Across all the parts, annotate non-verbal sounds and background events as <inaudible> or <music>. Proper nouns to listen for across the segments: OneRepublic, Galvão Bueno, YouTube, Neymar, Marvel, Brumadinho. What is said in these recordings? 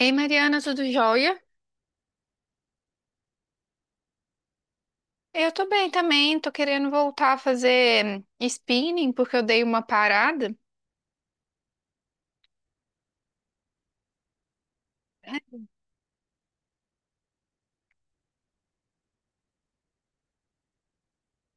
Ei, Mariana, tudo jóia? Eu tô bem também, tô querendo voltar a fazer spinning porque eu dei uma parada.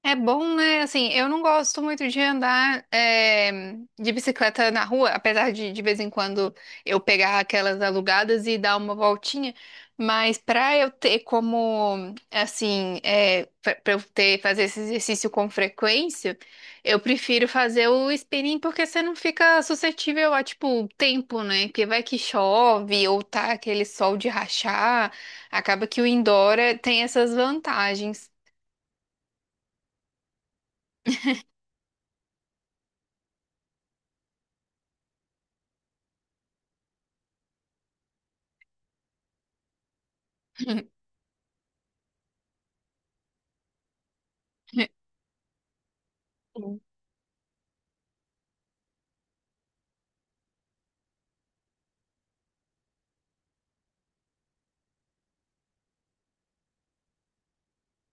É bom, né? Assim, eu não gosto muito de andar de bicicleta na rua, apesar de vez em quando eu pegar aquelas alugadas e dar uma voltinha. Mas para eu ter como, assim, é, para eu ter fazer esse exercício com frequência, eu prefiro fazer o spinning porque você não fica suscetível a, tipo, tempo, né? Porque vai que chove ou tá aquele sol de rachar, acaba que o indoor tem essas vantagens. <laughs>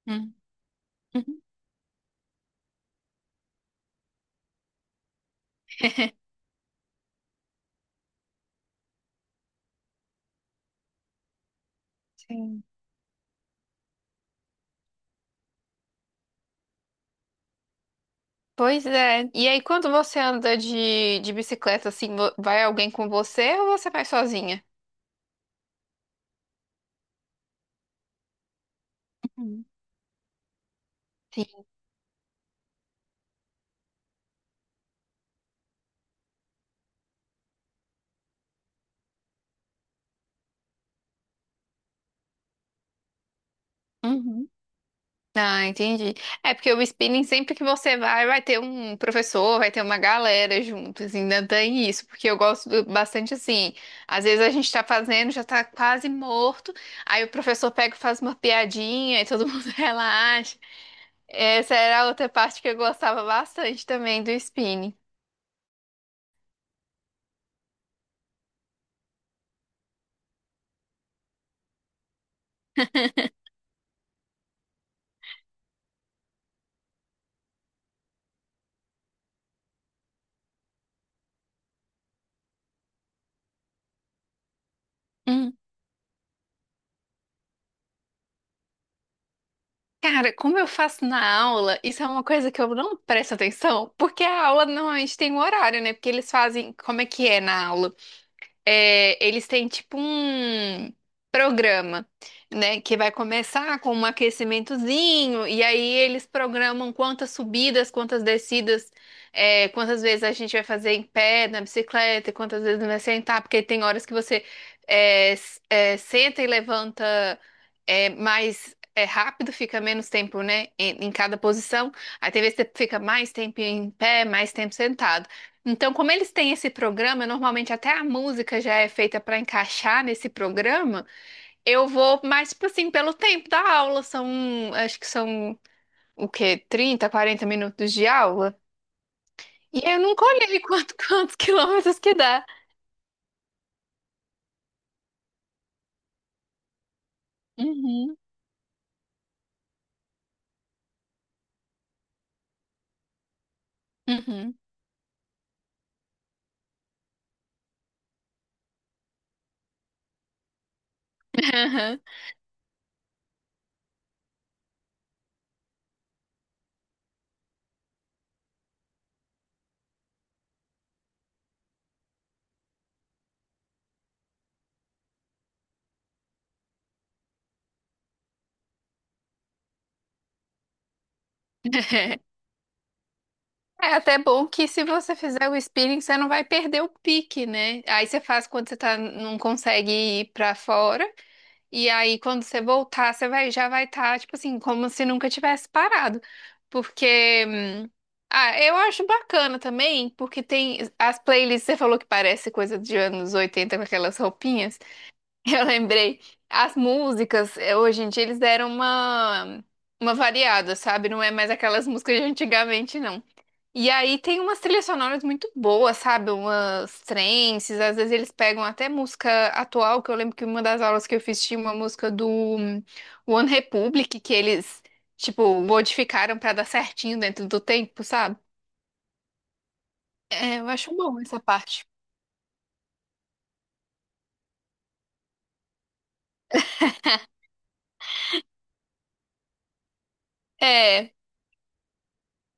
Hum, uhum. Sim. Pois é. E aí, quando você anda de bicicleta, assim, vai alguém com você ou você vai sozinha? Uhum. Sim. Uhum. Ah, entendi. É porque o spinning, sempre que você vai, vai ter um professor, vai ter uma galera juntos, ainda tem isso, porque eu gosto do- bastante assim. Às vezes a gente tá fazendo, já tá quase morto, aí o professor pega e faz uma piadinha e todo <laughs> mundo relaxa. Essa era a outra parte que eu gostava bastante também do spinning. Cara, como eu faço na aula, isso é uma coisa que eu não presto atenção, porque a aula normalmente tem um horário, né? Porque eles fazem, como é que é na aula? É, eles têm tipo um programa, né, que vai começar com um aquecimentozinho e aí eles programam quantas subidas, quantas descidas, é, quantas vezes a gente vai fazer em pé, na bicicleta, e quantas vezes vai sentar, porque tem horas que você é, é, senta e levanta é, mais é, rápido, fica menos tempo, né, em cada posição. Aí tem vezes que você fica mais tempo em pé, mais tempo sentado. Então, como eles têm esse programa, normalmente até a música já é feita para encaixar nesse programa. Eu vou mais, tipo assim, pelo tempo da aula. São, acho que são o quê? 30, 40 minutos de aula. E eu nunca olhei quanto, <laughs> quantos quilômetros que dá. Uhum, uhum. Aham. <laughs> É até bom que se você fizer o spinning, você não vai perder o pique, né? Aí você faz quando você tá, não consegue ir para fora. E aí, quando você voltar, você vai, já vai estar, tipo assim, como se nunca tivesse parado. Porque, ah, eu acho bacana também, porque tem as playlists, você falou que parece coisa de anos 80 com aquelas roupinhas. <laughs> Eu lembrei, as músicas, hoje em dia, eles deram uma variada, sabe? Não é mais aquelas músicas de antigamente, não. E aí tem umas trilhas sonoras muito boas, sabe? Umas trances, às vezes eles pegam até música atual, que eu lembro que uma das aulas que eu fiz tinha uma música do One Republic, que eles, tipo, modificaram pra dar certinho dentro do tempo, sabe? É, eu acho bom essa parte. É,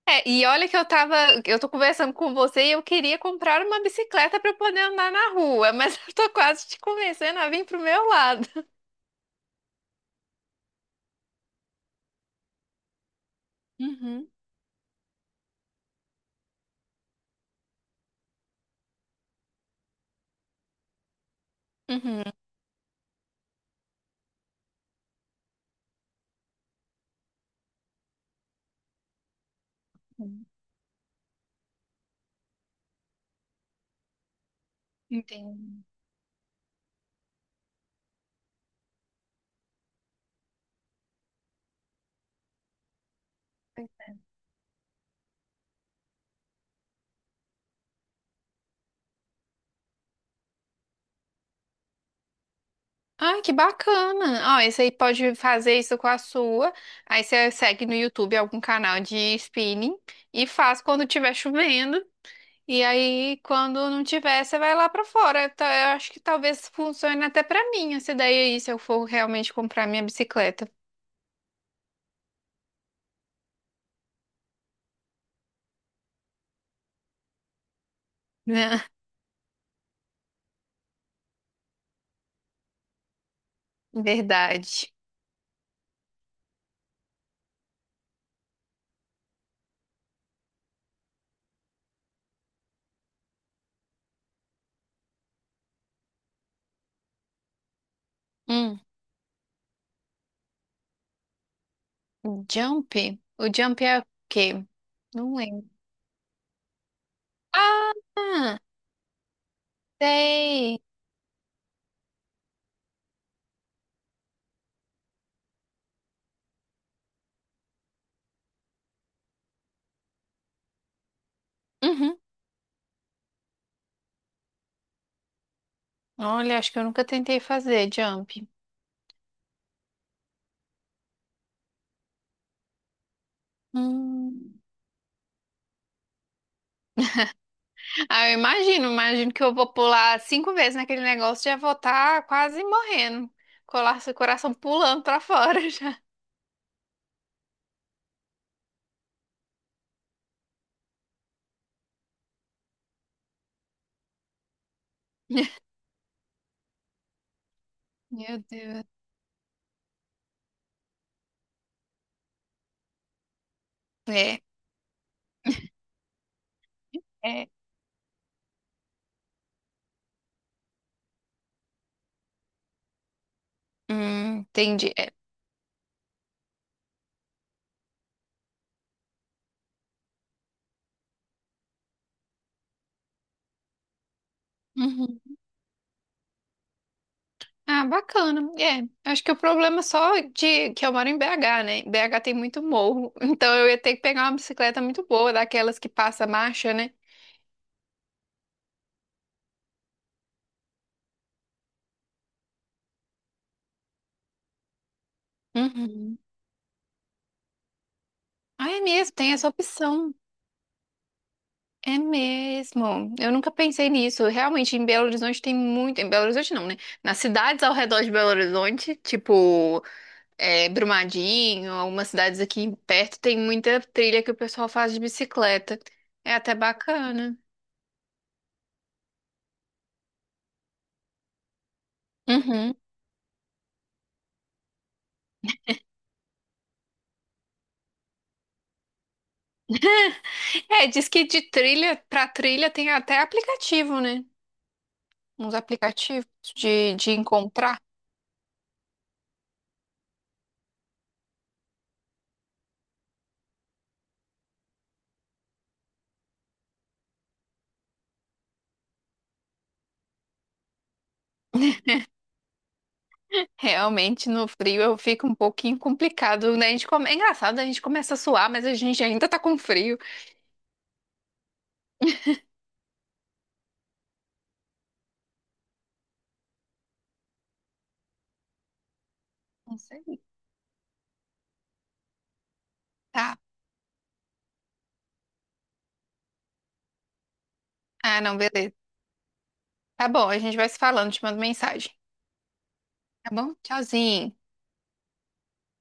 é, e olha que eu tava, eu tô conversando com você e eu queria comprar uma bicicleta pra eu poder andar na rua, mas <laughs> eu tô quase te convencendo a vir pro meu lado. Uhum, uhum. Entendo. Ai, que bacana! Ó, esse aí pode fazer isso com a sua. Aí você segue no YouTube algum canal de spinning e faz quando tiver chovendo. E aí, quando não tiver, você vai lá pra fora. Tá, eu acho que talvez funcione até pra mim essa ideia aí, se eu for realmente comprar minha bicicleta. Né? <laughs> Verdade. Hum, jump? O jump é o quê? Não lembro. Ah, sei. Uhum. Olha, acho que eu nunca tentei fazer jump. Hum. Ah, eu imagino, imagino que eu vou pular 5 vezes naquele negócio e já vou estar quase morrendo. Colar seu coração pulando pra fora <laughs> já. Meu Deus. É, é. Entendi. É. Uhum. Ah, bacana. É, acho que o problema é só de que eu moro em BH, né? BH tem muito morro, <laughs> então eu ia ter que pegar uma bicicleta muito boa, daquelas que passa marcha, né? Uhum. Ah, é mesmo, tem essa opção. É mesmo. Eu nunca pensei nisso. Realmente, em Belo Horizonte tem muito. Em Belo Horizonte não, né? Nas cidades ao redor de Belo Horizonte, tipo é, Brumadinho, algumas cidades aqui perto, tem muita trilha que o pessoal faz de bicicleta. É até bacana. Uhum. É, diz que de trilha pra trilha tem até aplicativo, né? Uns aplicativos de encontrar. Realmente, no frio eu fico um pouquinho complicado, né? A gente come... É engraçado, a gente começa a suar, mas a gente ainda tá com frio. Não sei. Tá? Ah, não, beleza. Tá bom, a gente vai se falando, te mando mensagem. Tá bom? Tchauzinho.